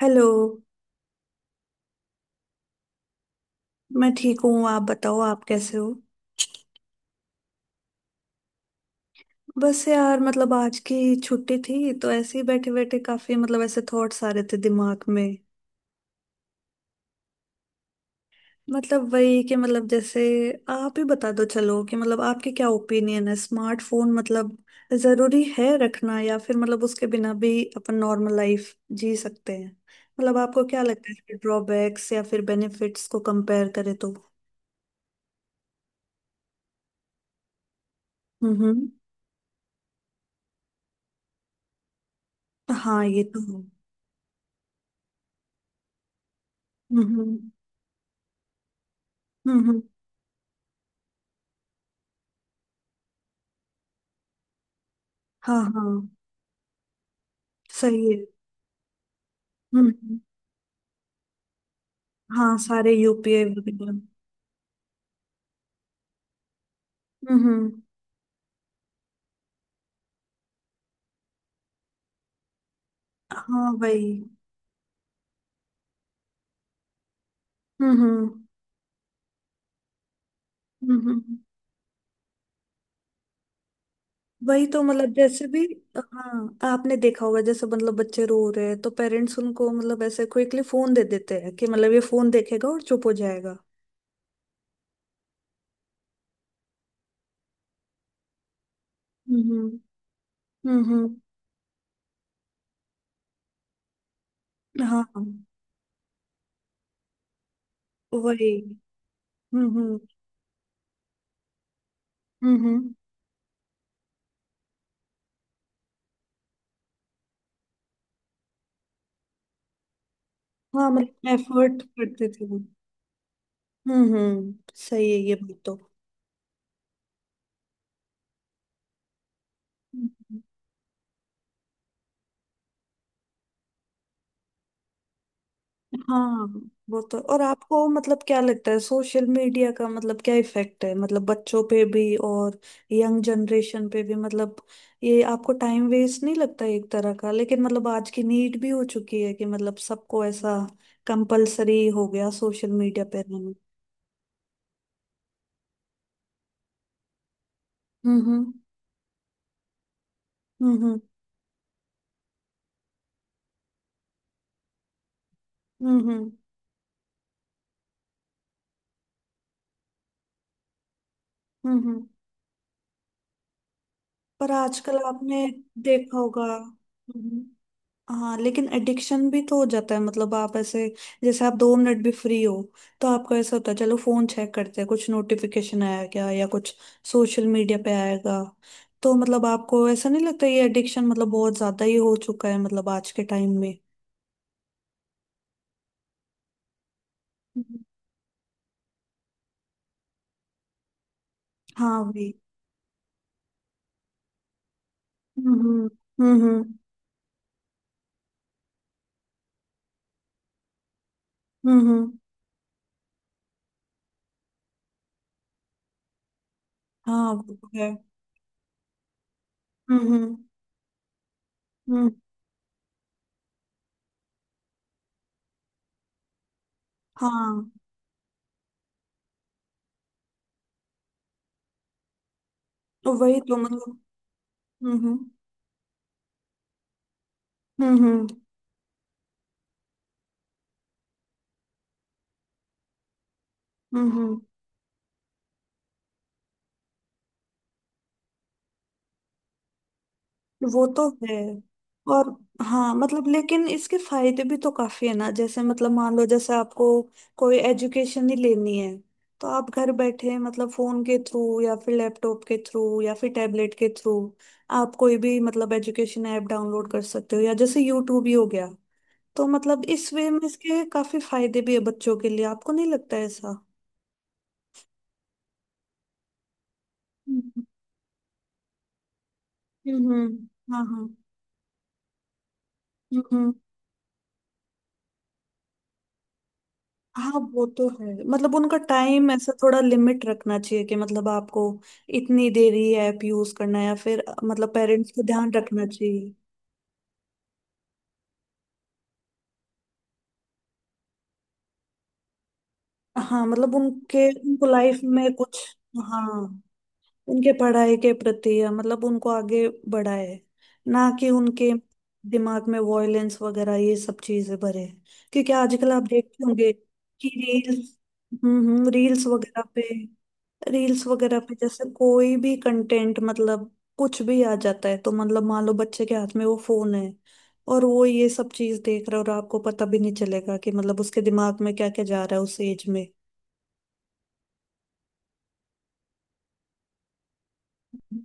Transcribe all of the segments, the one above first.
Hello. मैं ठीक हूँ। आप बताओ, आप कैसे हो? बस यार, मतलब आज की छुट्टी थी तो ऐसे ही बैठे बैठे काफी मतलब ऐसे थॉट्स आ रहे थे दिमाग में। मतलब वही कि मतलब जैसे आप ही बता दो, चलो कि मतलब आपके क्या ओपिनियन है स्मार्टफोन, मतलब जरूरी है रखना या फिर मतलब उसके बिना भी अपन नॉर्मल लाइफ जी सकते हैं। मतलब आपको क्या लगता है इसके ड्रॉबैक्स या फिर बेनिफिट्स को कंपेयर करें तो? हम्म। हाँ, ये तो है। हम्म। हम्म हम्म, हाँ हाँ। सही है। हम्म हम्म, हाँ सारे यूपीआई वगैरह। हम्म हम्म, हाँ वही। हम्म। हम्म, हम्म, वही तो मतलब जैसे भी। हाँ, आपने देखा होगा, जैसे मतलब बच्चे रो रहे हैं तो पेरेंट्स उनको मतलब ऐसे क्विकली फोन दे देते हैं कि मतलब ये फोन देखेगा और चुप हो जाएगा। हम्म हम्म हम्म, हाँ वही। हम्म हम्म हम्म हम्म, हाँ मतलब एफर्ट करते थे वो। हम्म। सही है ये बात तो। हाँ, वो तो। और आपको मतलब क्या लगता है सोशल मीडिया का मतलब क्या इफेक्ट है? मतलब बच्चों पे भी और यंग जनरेशन पे भी। मतलब ये आपको टाइम वेस्ट नहीं लगता एक तरह का? लेकिन मतलब आज की नीड भी हो चुकी है कि मतलब सबको ऐसा कंपलसरी हो गया सोशल मीडिया पे रहना। हम्म हम्म हम्म हम्म हम्म हम्म, हम्म। पर आजकल आपने देखा होगा। हाँ, लेकिन एडिक्शन भी तो हो जाता है मतलब। आप ऐसे, जैसे आप दो मिनट भी फ्री हो तो आपको ऐसा होता है चलो फोन चेक करते हैं, कुछ नोटिफिकेशन आया क्या या कुछ सोशल मीडिया पे आएगा। तो मतलब आपको ऐसा नहीं लगता ये एडिक्शन मतलब बहुत ज्यादा ही हो चुका है मतलब आज के टाइम में? हम्म। हाँ वही। हम्म हम्म हम्म हम्म। हाँ वो तो है। हम्म हम्म हम्म, हाँ वही तो मतलब। हम्म हम्म हम्म हम्म हम्म। वो तो है। और हाँ मतलब, लेकिन इसके फायदे भी तो काफी है ना। जैसे मतलब मान लो, जैसे आपको कोई एजुकेशन ही लेनी है तो आप घर बैठे मतलब फोन के थ्रू या फिर लैपटॉप के थ्रू या फिर टैबलेट के थ्रू आप कोई भी मतलब एजुकेशन ऐप डाउनलोड कर सकते हो, या जैसे यूट्यूब ही हो गया। तो मतलब इस वे में इसके काफी फायदे भी है बच्चों के लिए, आपको नहीं लगता ऐसा? हम्म हम्म हम्म, हाँ हाँ। हम्म हम्म। हाँ वो तो है, मतलब उनका टाइम ऐसा थोड़ा लिमिट रखना चाहिए कि मतलब आपको इतनी देर ही ऐप यूज करना है, या फिर मतलब पेरेंट्स को ध्यान रखना चाहिए। हाँ मतलब उनके उनको लाइफ में कुछ, हाँ उनके पढ़ाई के प्रति या मतलब उनको आगे बढ़ाए, ना कि उनके दिमाग में वॉयलेंस वगैरह ये सब चीजें भरे। क्योंकि आजकल आप देखते होंगे कि रील्स, रील्स वगैरह पे, रील्स वगैरह पे जैसे कोई भी कंटेंट मतलब कुछ भी आ जाता है। तो मतलब मान लो बच्चे के हाथ में वो फोन है और वो ये सब चीज देख रहा है और आपको पता भी नहीं चलेगा कि मतलब उसके दिमाग में क्या क्या जा रहा है उस एज में। हम्म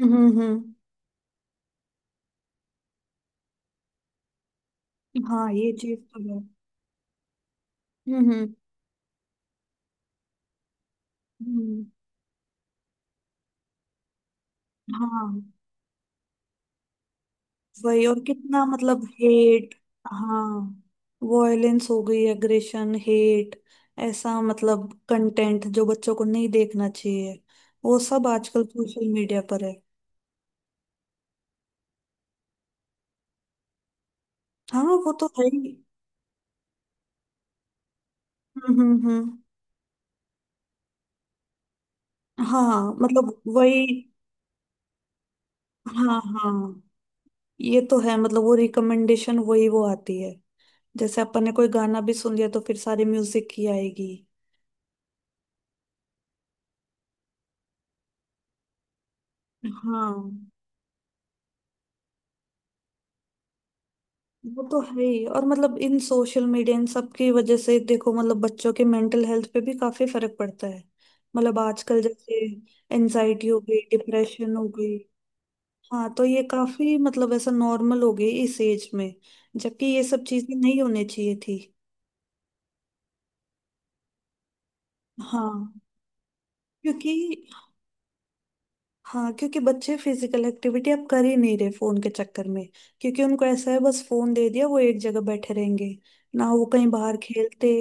हम्म हम्म हम्म। हाँ ये चीज तो है। हम्म। हम्म। हाँ वही। और कितना मतलब हेट, हाँ, वॉयलेंस हो गई, एग्रेशन, हेट, ऐसा मतलब कंटेंट जो बच्चों को नहीं देखना चाहिए, वो सब आजकल सोशल मीडिया पर है। हाँ वो तो है ही। हम्म, हाँ मतलब वही। हाँ हाँ, ये तो है, मतलब वो रिकमेंडेशन वही वो आती है। जैसे अपन ने कोई गाना भी सुन लिया तो फिर सारी म्यूजिक की आएगी। हाँ वो तो है ही। और मतलब इन सोशल मीडिया इन सब की वजह से देखो मतलब बच्चों के मेंटल हेल्थ पे भी काफी फर्क पड़ता है। मतलब आजकल जैसे एनजाइटी हो गई, डिप्रेशन हो गई। हाँ, तो ये काफी मतलब ऐसा नॉर्मल हो गई इस एज में, जबकि ये सब चीजें नहीं होनी चाहिए थी। हाँ क्योंकि, हाँ क्योंकि बच्चे फिजिकल एक्टिविटी अब कर ही नहीं रहे फोन के चक्कर में। क्योंकि उनको ऐसा है, बस फोन दे दिया, वो एक जगह बैठे रहेंगे। ना वो कहीं बाहर खेलते,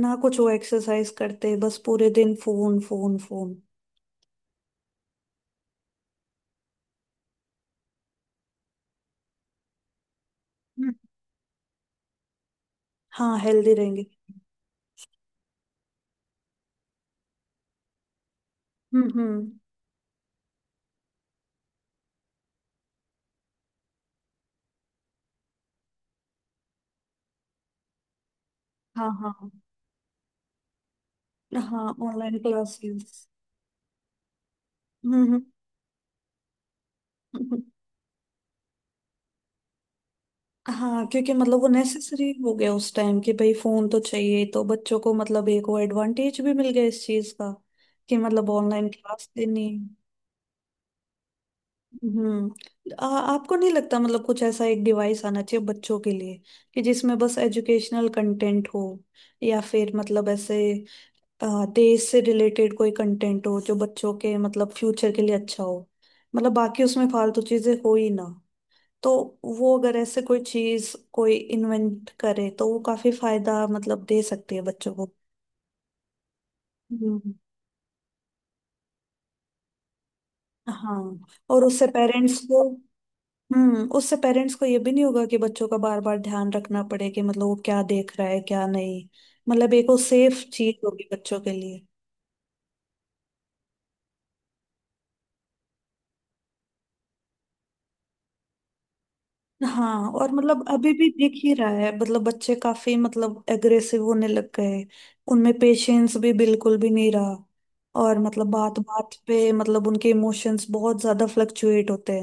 ना कुछ वो एक्सरसाइज करते, बस पूरे दिन फोन फोन फोन। हम्म, हाँ हेल्दी रहेंगे। हम्म, हाँ हाँ। हाँ ऑनलाइन क्लासेस। हम्म हम्म, हाँ क्योंकि मतलब वो नेसेसरी हो गया उस टाइम कि भाई फोन तो चाहिए। तो बच्चों को मतलब एक वो एडवांटेज भी मिल गया इस चीज का कि मतलब ऑनलाइन क्लास देनी। हम्म। आपको नहीं लगता मतलब कुछ ऐसा एक डिवाइस आना चाहिए बच्चों के लिए कि जिसमें बस एजुकेशनल कंटेंट हो, या फिर मतलब ऐसे देश से रिलेटेड कोई कंटेंट हो जो बच्चों के मतलब फ्यूचर के लिए अच्छा हो? मतलब बाकी उसमें फालतू चीजें हो ही ना। तो वो अगर ऐसे कोई चीज कोई इन्वेंट करे तो वो काफी फायदा मतलब दे सकती है बच्चों को। हम्म। हाँ, और उससे पेरेंट्स को, उससे पेरेंट्स को ये भी नहीं होगा कि बच्चों का बार बार ध्यान रखना पड़े कि मतलब वो क्या देख रहा है क्या नहीं। मतलब एक वो सेफ चीज होगी बच्चों के लिए। हाँ और मतलब अभी भी दिख ही रहा है, मतलब बच्चे काफी मतलब एग्रेसिव होने लग गए, उनमें पेशेंस भी बिल्कुल भी नहीं रहा। और मतलब बात बात पे मतलब उनके इमोशंस बहुत ज्यादा फ्लक्चुएट होते।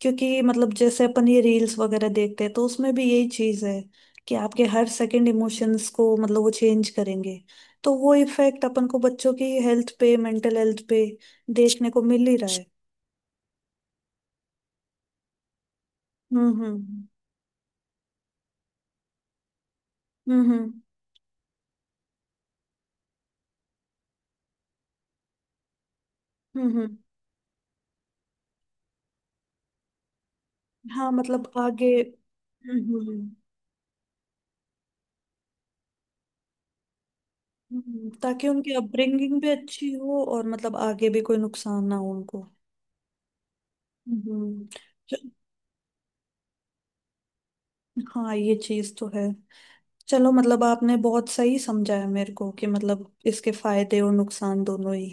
क्योंकि मतलब जैसे अपन ये रील्स वगैरह देखते हैं तो उसमें भी यही चीज है कि आपके हर सेकंड इमोशंस को मतलब वो चेंज करेंगे। तो वो इफेक्ट अपन को बच्चों की हेल्थ पे, मेंटल हेल्थ पे देखने को मिल ही रहा है। हम्म हम्म हम्म हम्म हम्म हम्म। हाँ मतलब आगे, ताकि उनकी अपब्रिंगिंग भी अच्छी हो और मतलब आगे भी कोई नुकसान ना हो उनको। हम्म हम्म। च- हाँ ये चीज तो है। चलो, मतलब आपने बहुत सही समझाया मेरे को कि मतलब इसके फायदे और नुकसान दोनों ही।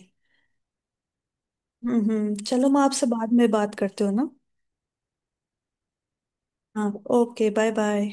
हम्म। चलो, मैं आपसे बाद में बात करती हूँ ना। हाँ, ओके बाय बाय।